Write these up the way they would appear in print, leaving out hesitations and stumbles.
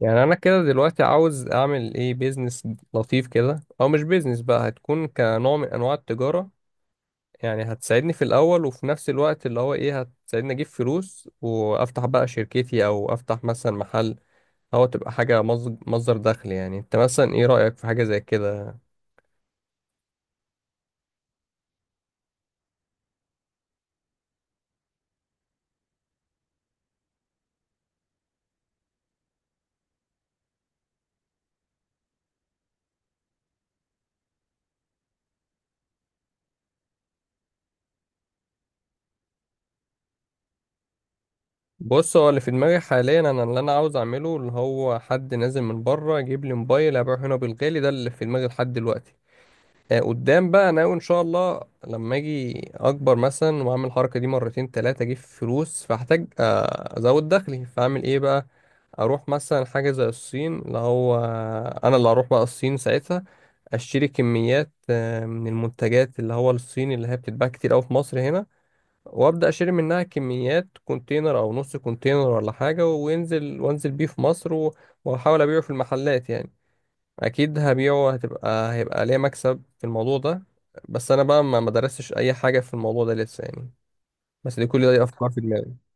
يعني انا كده دلوقتي عاوز اعمل ايه بيزنس لطيف كده، او مش بيزنس بقى، هتكون كنوع من انواع التجارة. يعني هتساعدني في الاول، وفي نفس الوقت اللي هو ايه، هتساعدني اجيب فلوس وافتح بقى شركتي او افتح مثلا محل، او تبقى حاجة مصدر دخل. يعني انت مثلا ايه رأيك في حاجة زي كده؟ بص، هو اللي في دماغي حاليا انا، اللي انا عاوز اعمله، اللي هو حد نازل من بره يجيب لي موبايل ابيعه هنا بالغالي. ده اللي في دماغي لحد دلوقتي. قدام بقى انا ناوي ان شاء الله لما اجي اكبر مثلا واعمل الحركه دي مرتين ثلاثه اجيب فلوس، فاحتاج ازود دخلي، فاعمل ايه بقى؟ اروح مثلا حاجه زي الصين، اللي هو انا اللي هروح بقى الصين ساعتها، اشتري كميات من المنتجات اللي هو الصيني، اللي هي بتتباع كتير قوي في مصر هنا، وابدا اشتري منها كميات كونتينر او نص كونتينر ولا حاجه، وانزل بيه في مصر واحاول ابيعه في المحلات يعني. اكيد هبيعه، هيبقى ليا مكسب في الموضوع ده. بس انا بقى ما درستش اي حاجه في الموضوع ده لسه يعني. بس دي، كل دي افكار في دماغي.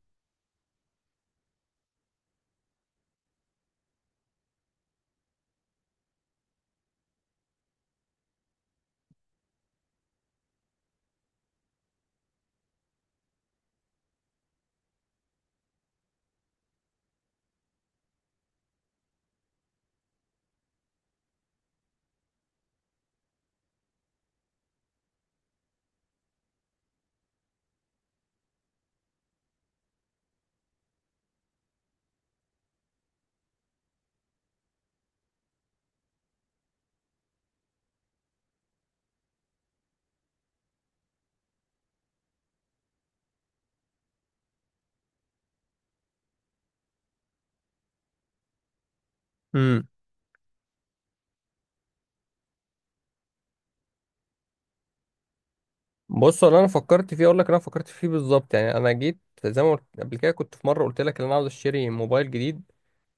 امم بص، اللي انا فكرت فيه اقول لك، انا فكرت فيه بالظبط. يعني انا جيت، زي ما قلت قبل كده، كنت في مره قلت لك ان انا عاوز اشتري موبايل جديد،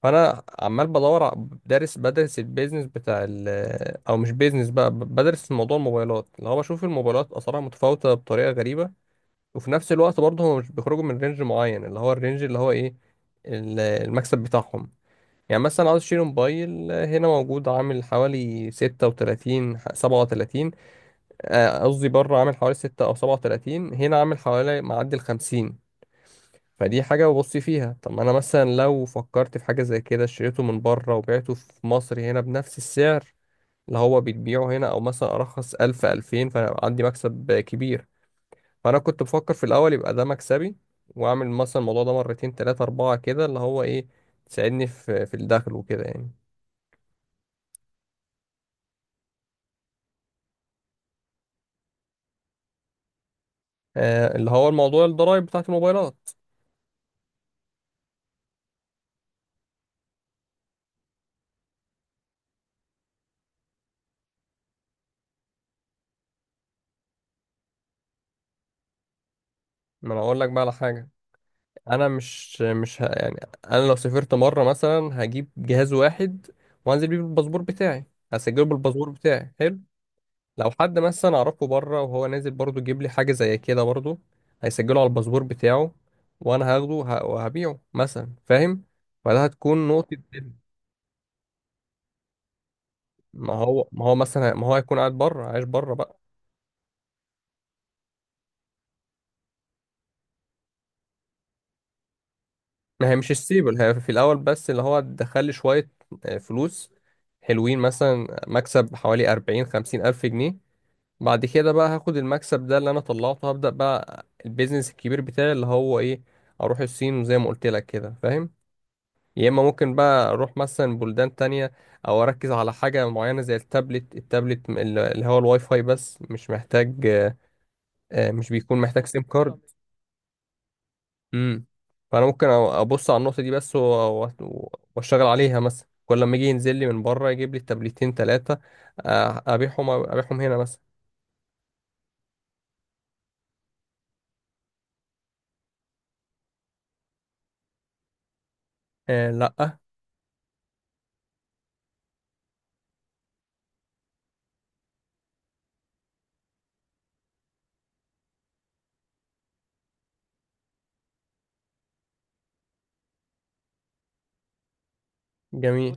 فانا عمال دارس، بدرس البيزنس بتاع او مش بيزنس بقى، بدرس موضوع الموبايلات. اللي هو بشوف الموبايلات اسعارها متفاوته بطريقه غريبه، وفي نفس الوقت برضه هم مش بيخرجوا من رينج معين، اللي هو الرينج اللي هو ايه، المكسب بتاعهم. يعني مثلا عاوز اشتري موبايل، هنا موجود عامل حوالي ستة وتلاتين، سبعة وتلاتين. قصدي بره عامل حوالي ستة أو سبعة وتلاتين، هنا عامل حوالي معدي الخمسين. فدي حاجة ببص فيها. طب ما أنا مثلا لو فكرت في حاجة زي كده، اشتريته من بره وبعته في مصر هنا بنفس السعر اللي هو بيتبيعه هنا، أو مثلا أرخص ألف ألفين، فأنا عندي مكسب كبير. فانا كنت بفكر في الاول، يبقى ده مكسبي. واعمل مثلا الموضوع ده مرتين تلاتة اربعة كده، اللي هو ايه، تساعدني في الدخل وكده يعني. آه، اللي هو الموضوع الضرايب بتاعت الموبايلات. ما انا اقول لك بقى على حاجة. انا مش مش ه... يعني، انا لو سافرت مرة مثلا هجيب جهاز واحد، وانزل بيه بالباسبور بتاعي، هسجله بالباسبور بتاعي. حلو. لو حد مثلا اعرفه بره وهو نازل برضه يجيب لي حاجة زي كده برضه، هيسجله على الباسبور بتاعه، وانا هاخده وهبيعه مثلا، فاهم؟ فده هتكون نقطة. ما هو ما هو مثلا ما هو هيكون قاعد بره، عايش بره بقى. ما هي مش السيبل، هي في الاول بس اللي هو دخل لي شويه فلوس حلوين، مثلا مكسب حوالي 40 50 الف جنيه. بعد كده بقى هاخد المكسب ده اللي انا طلعته، هبدا بقى البيزنس الكبير بتاعي اللي هو ايه، اروح الصين، وزي ما قلت لك كده فاهم. يا اما ممكن بقى اروح مثلا بلدان تانية، او اركز على حاجه معينه زي التابلت. التابلت اللي هو الواي فاي بس، مش محتاج مش بيكون محتاج سيم كارد. امم. فانا ممكن ابص على النقطه دي بس، واشتغل عليها. مثلا كل لما يجي ينزل لي من بره يجيب لي التابلتين ثلاثه، ابيعهم هنا مثلا. آه لا. جميل.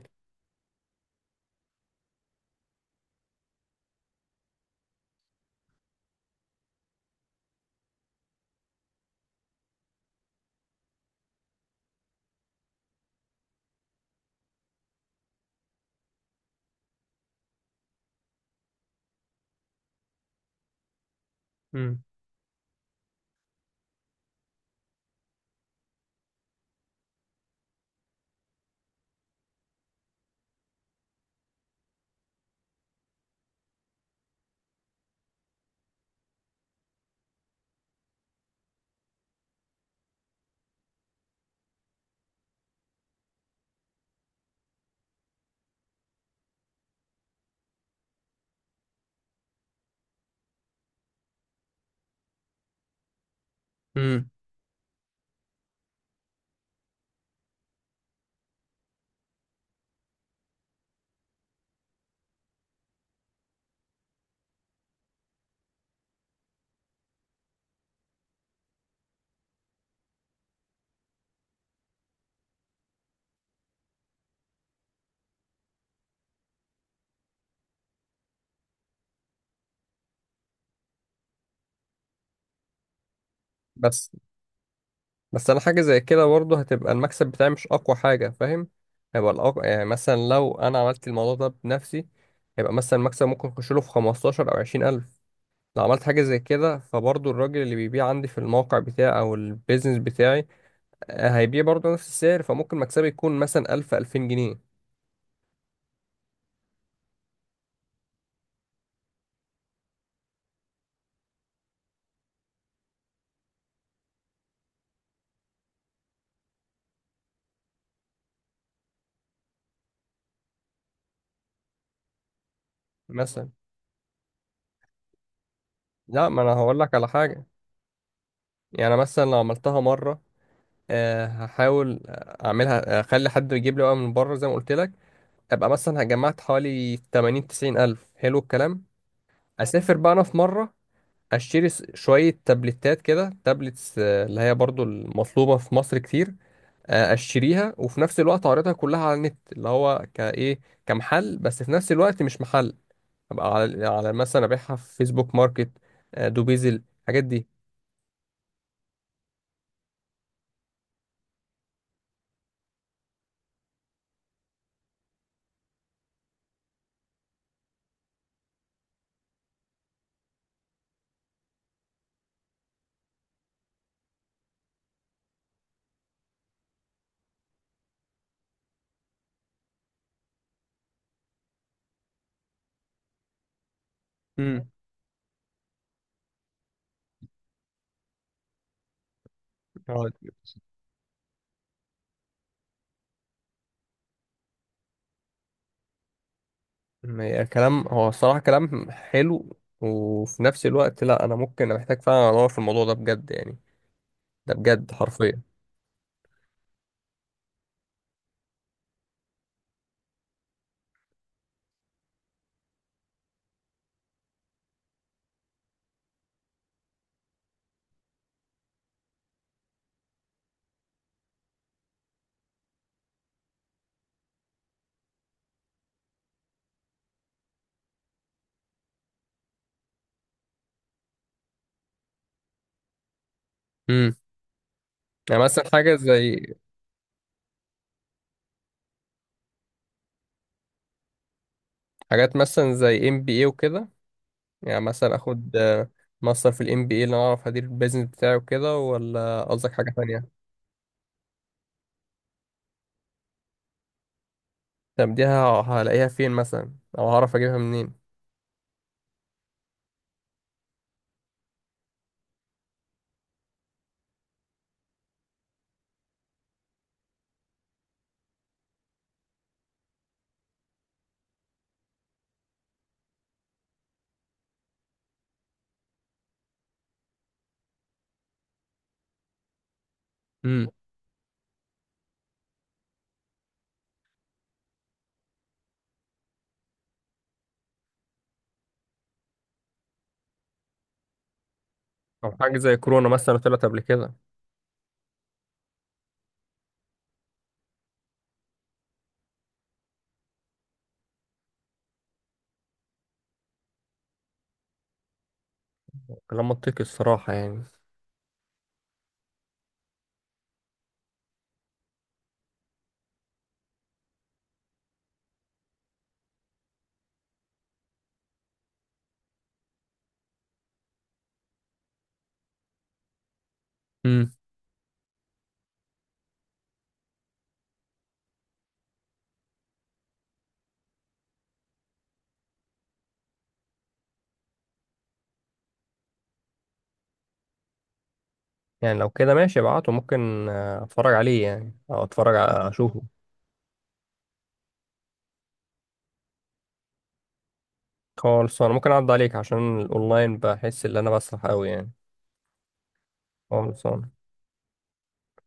امم. امم. بس بس انا حاجه زي كده برضه هتبقى المكسب بتاعي مش اقوى حاجه، فاهم؟ هيبقى الأقوى يعني مثلا لو انا عملت الموضوع ده بنفسي، هيبقى مثلا المكسب ممكن يخش له في 15 او 20 الف. لو عملت حاجه زي كده، فبرضه الراجل اللي بيبيع عندي في الموقع بتاعي او البيزنس بتاعي هيبيع برضه نفس السعر، فممكن مكسبي يكون مثلا 1000 2000 جنيه مثلا. لا، ما انا هقول لك على حاجه. يعني مثلا لو عملتها مره، هحاول اعملها، اخلي حد يجيب لي بقى من بره زي ما قلت لك، ابقى مثلا جمعت حوالي 80 90 الف، حلو الكلام. اسافر بقى انا في مره، اشتري شويه تابلتات كده، تابلتس، اللي هي برضو المطلوبه في مصر كتير. اشتريها، وفي نفس الوقت اعرضها كلها على النت، اللي هو كايه كمحل، بس في نفس الوقت مش محل. ابقى على، على مثلا ابيعها في فيسبوك ماركت، دوبيزل، الحاجات دي. امم. هو كلام، هو الصراحة كلام حلو، وفي نفس الوقت لا انا ممكن، أنا محتاج فعلا ادور في الموضوع ده بجد يعني، ده بجد حرفيا. امم. يعني مثلا حاجة زي، حاجات مثلا زي ام بي اي وكده. يعني مثلا اخد ماستر في الام بي اي، اللي انا اعرف ادير البيزنس بتاعي وكده، ولا قصدك حاجة تانية؟ طب دي هلاقيها فين مثلا، او هعرف اجيبها منين؟ امم. او حاجة زي كورونا مثلا طلعت قبل كده. كلام منطقي الصراحة يعني. امم. يعني لو كده ماشي ابعته، ممكن اتفرج عليه يعني، او اتفرج اشوفه. خالص. انا ممكن اعد عليك عشان الاونلاين بحس ان انا بسرح قوي يعني. خالص.